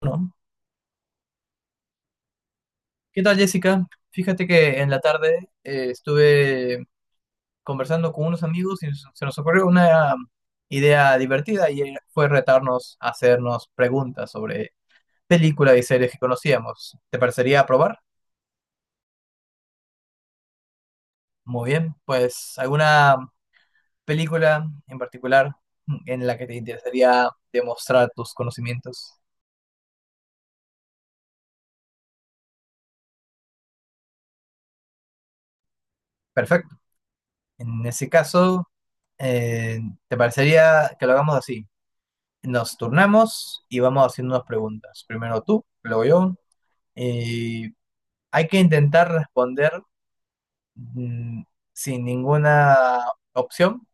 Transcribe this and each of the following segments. Bueno, ¿qué tal, Jessica? Fíjate que en la tarde estuve conversando con unos amigos y se nos ocurrió una idea divertida y fue retarnos a hacernos preguntas sobre películas y series que conocíamos. ¿Te parecería probar? Muy bien, pues ¿alguna película en particular en la que te interesaría demostrar tus conocimientos? Perfecto. En ese caso, eh, ¿te parecería que lo hagamos así? Nos turnamos y vamos haciendo unas preguntas. Primero tú, luego yo. Y hay que intentar responder mm, sin ninguna opción,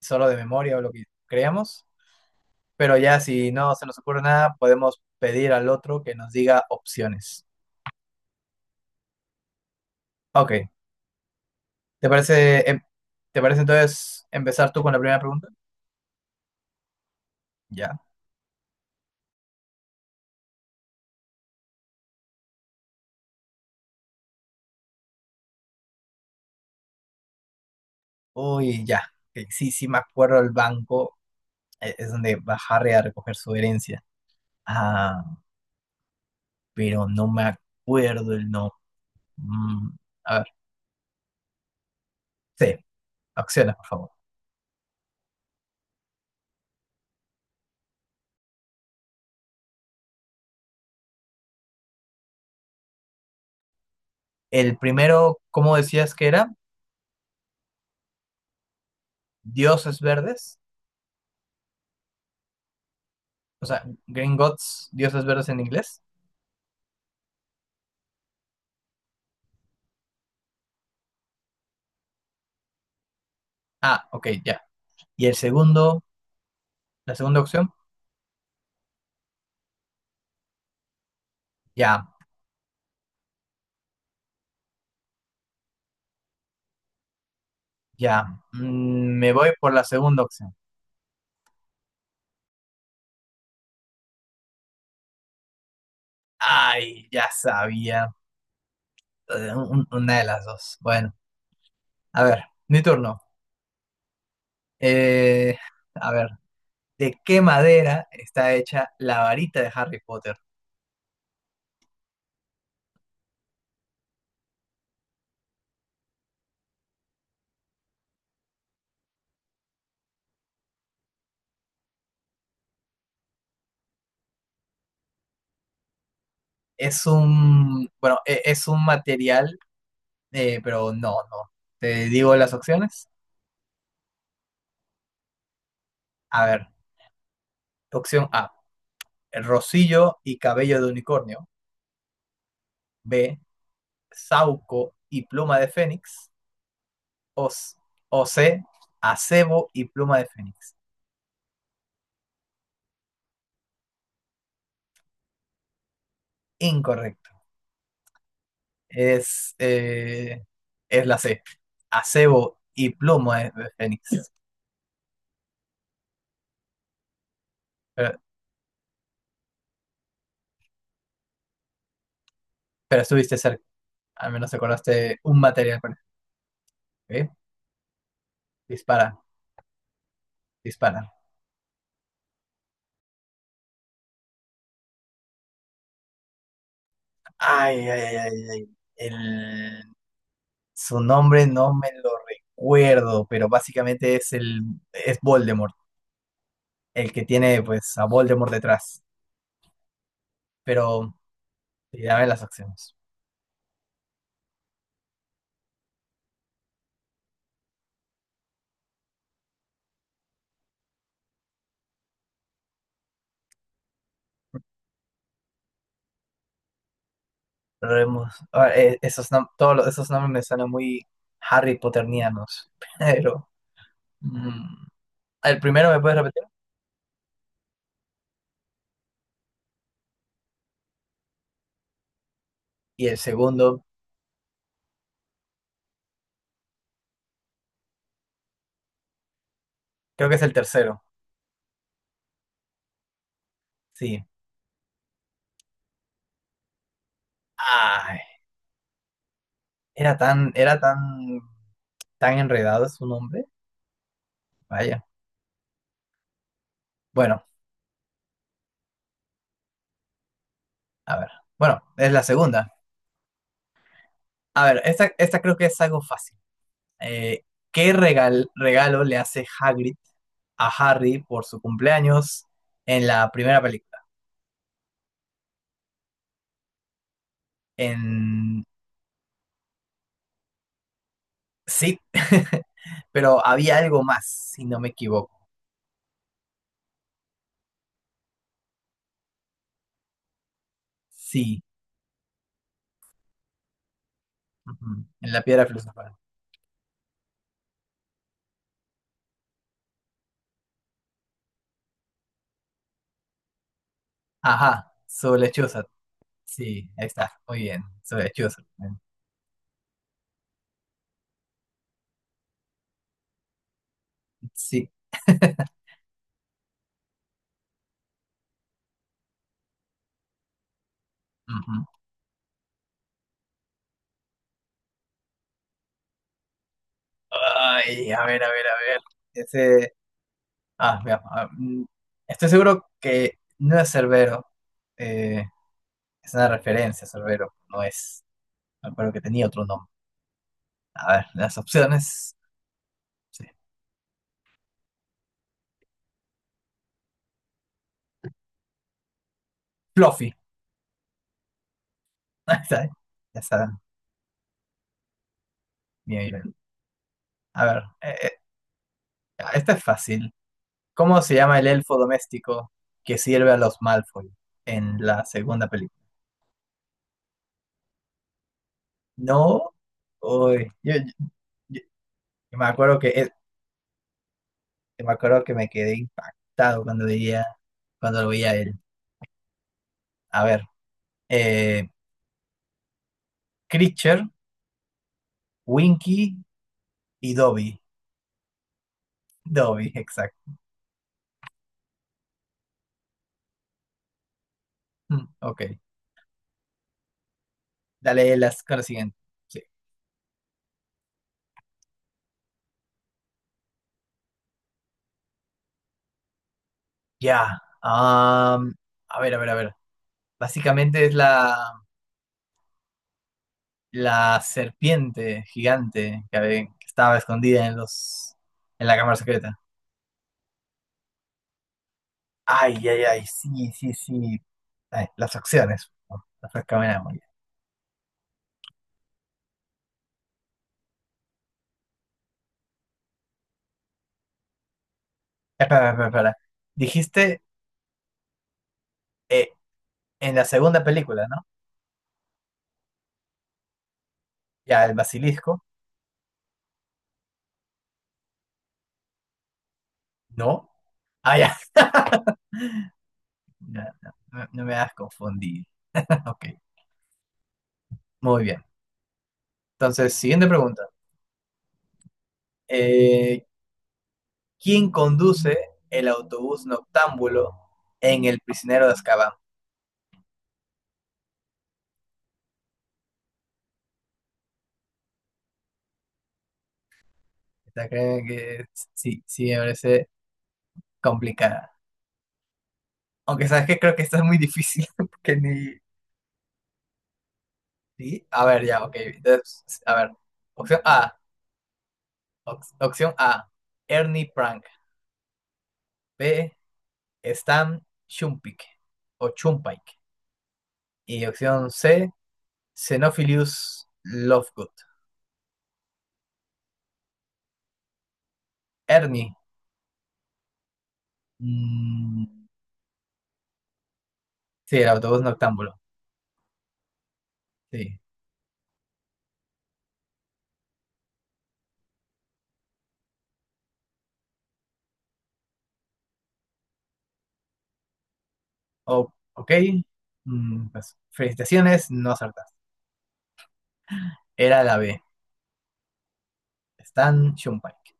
solo de memoria o lo que creamos. Pero ya si no se nos ocurre nada, podemos pedir al otro que nos diga opciones. Ok, ¿te parece, em- te parece entonces empezar tú con la primera pregunta? Ya. Uy, ya. Ok, sí, sí, me acuerdo el banco. Es donde va Harry a recoger su herencia. Ah, pero no me acuerdo el nombre. A ver, sí, acciones, por favor. El primero, ¿cómo decías que era? Dioses verdes, o sea, Green Gods, dioses verdes en inglés. Ah, ok, ya. Y el segundo, la segunda opción, ya, ya. Me voy por la segunda opción. Ay, ya sabía. Una de las dos. Bueno, a ver, mi turno. Eh, a ver, ¿de qué madera está hecha la varita de Harry Potter? Es un, bueno, es un material, pero no, no. Te digo las opciones. A ver, opción A, el rocillo y cabello de unicornio. B, sauco y pluma de fénix. O, s- o C, acebo y pluma de fénix. Incorrecto. Es, eh, es la C, acebo y pluma de fénix. Pero, pero estuviste cerca, al menos acordaste un material. ¿Eh? Dispara, dispara. Ay, ay, ay, ay. El, su nombre no me lo recuerdo, pero básicamente es Voldemort, el que tiene pues a Voldemort detrás. Pero sí, dame las acciones. Esos nombres me suenan muy Harry Potternianos. Pero mm, el primero me puedes repetir y el segundo creo que es el tercero. Sí. Ay, era tan enredado su nombre. Vaya. Bueno. A ver, bueno, es la segunda. A ver, esta creo que es algo fácil. Eh, ¿Qué regalo le hace Hagrid a Harry por su cumpleaños en la primera película? En... Sí, pero había algo más, si no me equivoco. Sí, ujú, en la piedra filosofal. Ajá, su lechuza. Sí, ahí está, muy bien, su lechuza. Sí. Ujú. Ay, a ver, a ver, a ver. Ese... Ah, vea, estoy seguro que no es Cerbero. eh, es una referencia a Cerbero, no es. Me acuerdo que tenía otro nombre. A ver, las opciones. Sí, Fluffy. Ahí está, ¿eh? Ya saben, mi nivel. A ver, esta es fácil. ¿Cómo se llama el elfo doméstico que sirve a los Malfoy en la segunda película? No. Uy, yo- yo me acuerdo que me quedé impactado cuando lo veía a él. A ver. Eh, Creature, Winky y Dobby. Dobby, exacto. Ok. Dale las, con la siguiente. Sí. Ya. A ver, a ver, a ver. Básicamente es la serpiente gigante que estaba escondida en la cámara secreta. Ay, ay, ay, sí, sí, sí. Ay, las acciones. No, las recaminamos ya. Espera, espera, espera. Dijiste eh, en la segunda película, ¿no? Ya, el basilisco. No. Ah, ya. Ya, no, no me hagas confundir. Ok, muy bien. Entonces, siguiente pregunta. Eh, ¿quién conduce el autobús noctámbulo en El prisionero de Azkaban? Esta creo que sí, sí me parece complicada. Aunque sabes que creo que esta es muy difícil. porque ni... ¿Sí? A ver, ya, ok. Entonces, a ver. Opción A. opción A. Ernie Prank. B. Stan Chumpike o Chumpike. Y opción C. Xenophilius Lovegood. Ernie. mm, sí, el autobús noctámbulo. Sí. Ok. Pues, felicitaciones, no acertaste. Era la B. Stan Shumpike.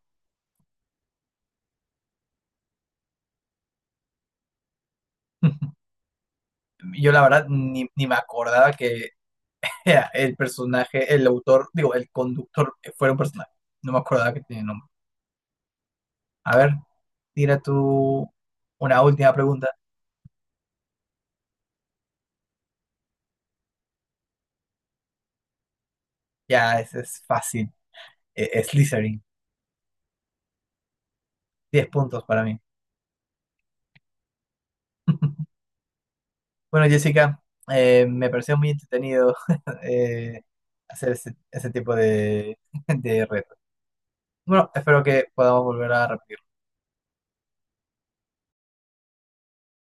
Yo la verdad ni me acordaba que era el personaje, el autor, digo, el conductor fuera un personaje. No me acordaba que tenía nombre. A ver, tira tú una última pregunta. Ya, ese es fácil. Es Slytherin. 10 puntos para mí. Bueno, Jessica, me pareció muy entretenido eh, hacer ese tipo de, de retos. Bueno, espero que podamos volver a repetir.